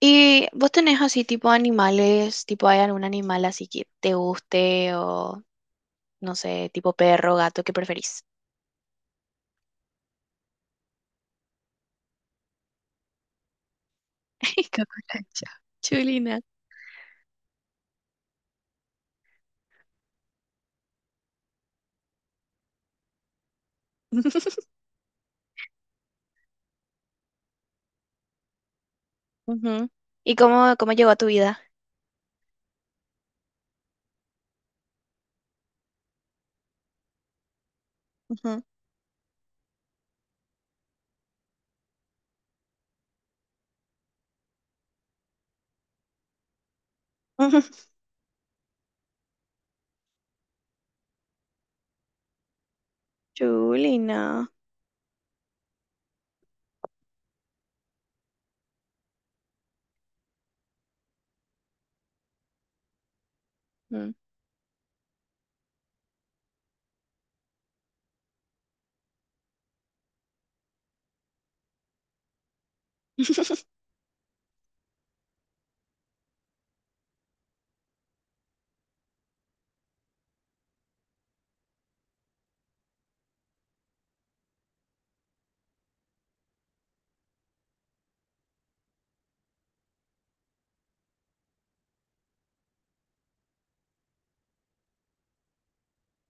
¿Y vos tenés así tipo animales, tipo hay algún animal así que te guste o no sé, tipo perro, gato, ¿qué preferís? Cucaracha. Chulina. Ujú. ¿Y cómo llegó a tu vida? Ujú. Chulina. Mm.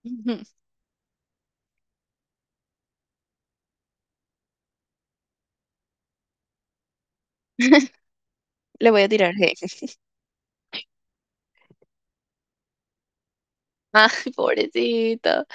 Ujú. Le voy a tirar hate. Ah, pobrecito.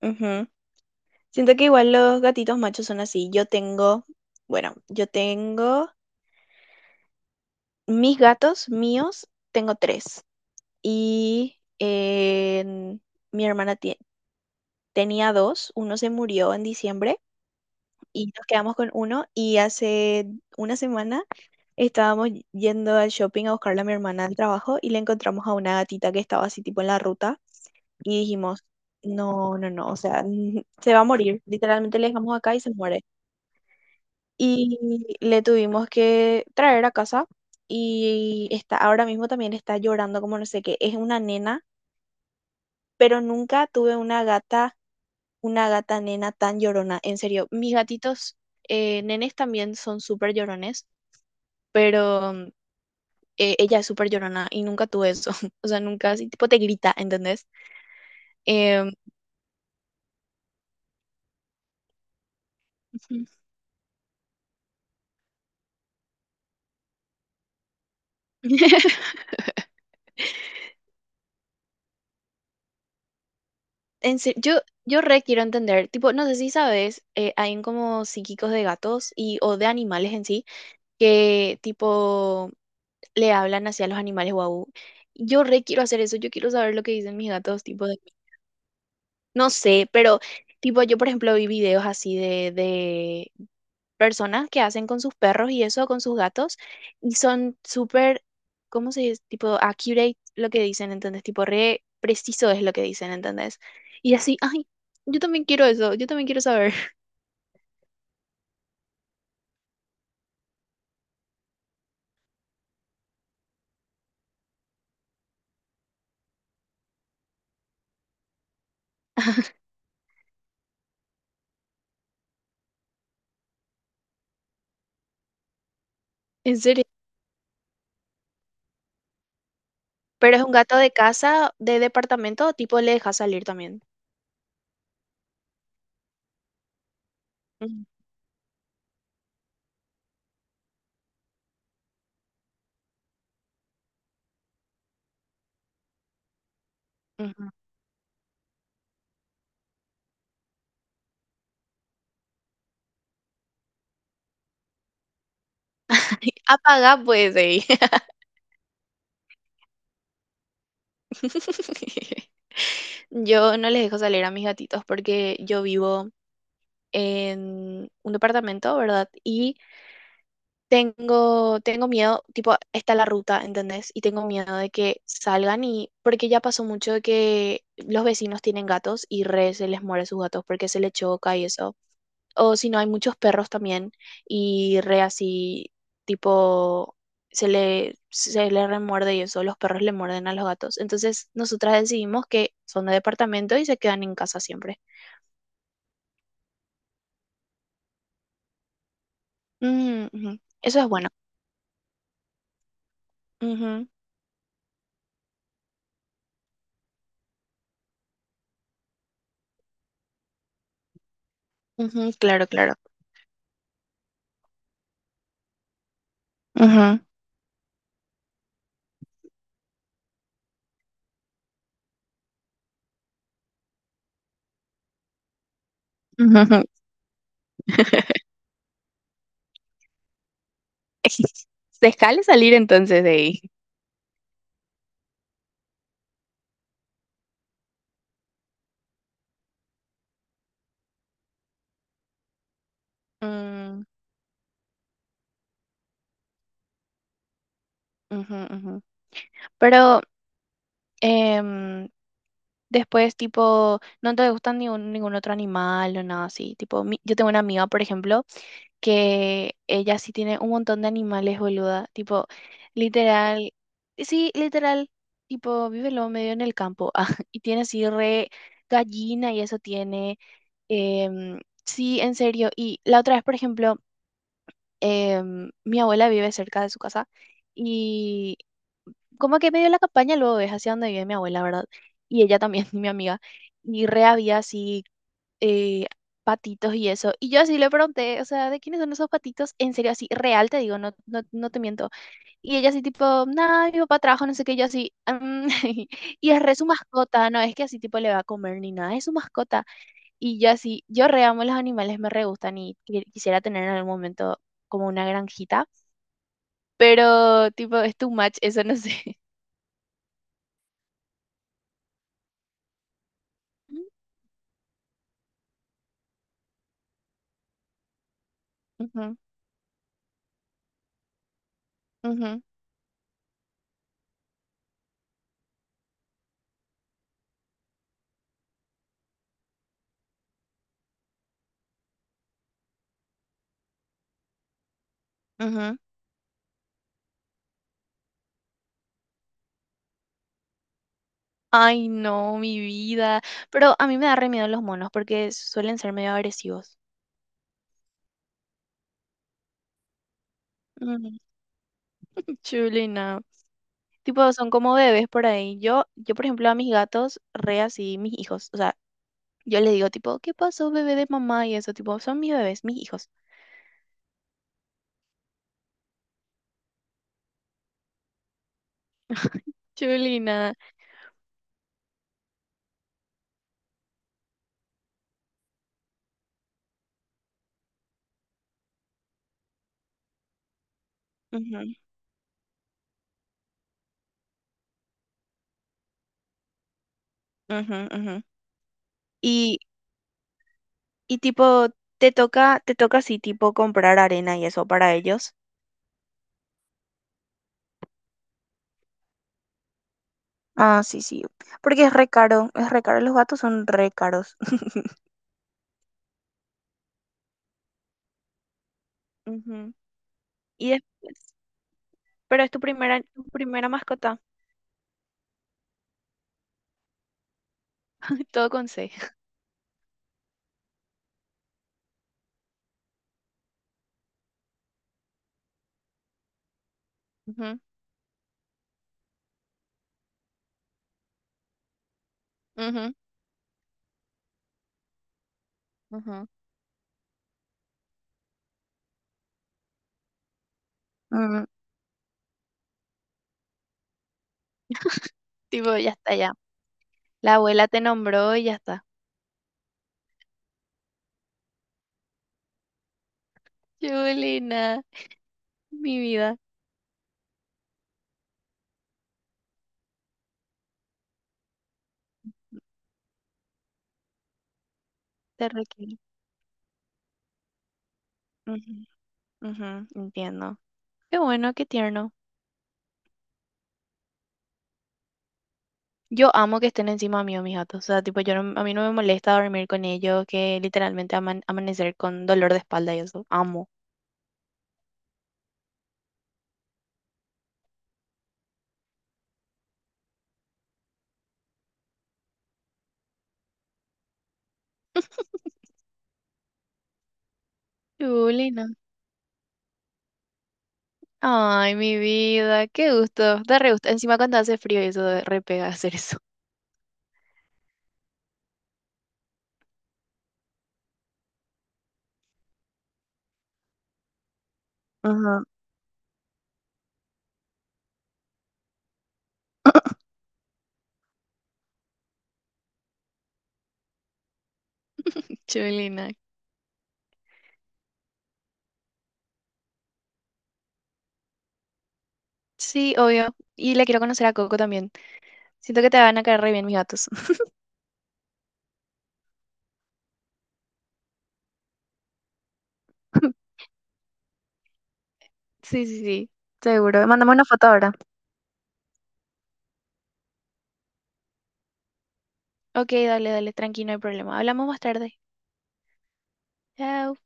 Ujú. Siento que igual los gatitos machos son así. Yo tengo mis gatos míos, tengo 3. y en- mi hermana tie- tenía dos, uno se murió en diciembre y nos quedamos con uno y hace una semana estábamos yendo al shopping a buscarle a mi hermana al trabajo y le encontramos a una gatita que estaba así tipo en la ruta y dijimos, no, no, no, o sea, se va a morir, literalmente le dejamos acá y se muere. Y le tuvimos que traer a casa y está, ahora mismo también está llorando como no sé qué, es una nena pero nunca tuve una gata nena tan llorona. En serio, mis gatitos nenes también son súper llorones, pero ella es súper llorona y nunca tuve eso. O sea, nunca así, tipo te grita, ¿entendés? Em, Ujú. en se- yo, yo re quiero entender, tipo, no sé si sabes, hay como psíquicos de gatos y o de animales en sí que tipo le hablan hacia los animales, guau. Yo re quiero hacer eso, yo quiero saber lo que dicen mis gatos, tipo, no sé, pero tipo yo por ejemplo vi videos así de personas que hacen con sus perros y eso, con sus gatos, y son súper, ¿cómo se dice? Tipo accurate lo que dicen, ¿entendés? Tipo re preciso es lo que dicen, ¿entendés? Y así, ay, yo también quiero eso, yo también quiero saber. En serio. Pero es un gato de casa, de departamento, tipo le deja salir también. Ujú, ujú. Apaga pues, ey. Yo no les dejo salir a mis gatitos porque yo vivo en un departamento, ¿verdad? Y tengo miedo, tipo, está la ruta, ¿entendés? Y tengo miedo de que salgan y, porque ya pasó mucho de que los vecinos tienen gatos y re se les muere sus gatos porque se le choca y eso. O si no, hay muchos perros también y re así, tipo, se le remuerde y eso, los perros le muerden a los gatos. Entonces, nosotras decidimos que son de departamento y se quedan en casa siempre. Mm, ujú. Eso es bueno. Ujú, claro, claro. Ujú, ujú, ujú. Se jale salir entonces de ahí. Mm, ujú, ujú. Pero em, después, tipo, no te gustan ningún otro animal o nada así. Tipo, yo tengo una amiga, por ejemplo, que ella sí tiene un montón de animales, boluda. Tipo, literal, sí, literal, tipo, vive lo medio en el campo. Ah, y tiene así re gallina y eso tiene. em, sí, en serio. Y la otra vez, por ejemplo, mi abuela vive cerca de su casa y como que medio la campaña luego es hacia donde vive mi abuela, ¿verdad? Y ella también, mi amiga. Y re había así eh, patitos y eso. Y yo así le pregunté, o sea, ¿de quiénes son esos patitos? En serio, así, real, te digo, no, no, no te miento. Y ella así tipo, nada, mi papá trabaja, no sé qué, y yo así, "Mm". Y es re su mascota, no es que así tipo le va a comer ni nada, es su mascota. Y yo así, yo re amo los animales, me re gustan y quisiera tener en algún momento como una granjita, pero tipo, es too much, eso no sé. Ujú, ujú, ujú. Ay, no, mi vida. Pero a mí me da re miedo los monos porque suelen ser medio agresivos. Mm, chulina. Tipo, son como bebés por ahí. Yo, por ejemplo, a mis gatos, re así, mis hijos. O sea, yo les digo, tipo, ¿qué pasó, bebé de mamá? Y eso, tipo, son mis bebés, mis hijos. Chulina. Ujú, ujú, ujú. Y, y tipo, te toca así, tipo, comprar arena y eso para ellos. Ah, sí, sí. Porque es re caro, es re caro. Los gatos son re caros. Ujú. Y después. Pero es tu tu primera mascota. Todo con C. Ujú, ujú, ujú. Mm, tipo, ya está, ya. La abuela te nombró y ya está. Julina, mi vida, te requiero. Ujú, ujú, entiendo. Qué bueno, qué tierno. Yo amo que estén encima mío mis gatos. O sea, tipo, yo no- a mí no me molesta dormir con ellos, que literalmente amanecer con dolor de espalda y eso. Amo. Julina. Ay, mi vida, qué gusto. Da re gusto. Encima cuando hace frío y eso da re pega hacer eso. Ajá. Chulina. Sí, obvio. Y le quiero conocer a Coco también. Siento que te van a caer re bien mis gatos. Sí, sí, sí, seguro. Mándame una foto ahora. Ok, dale, dale, tranqui, no hay problema. Hablamos más tarde. Chao.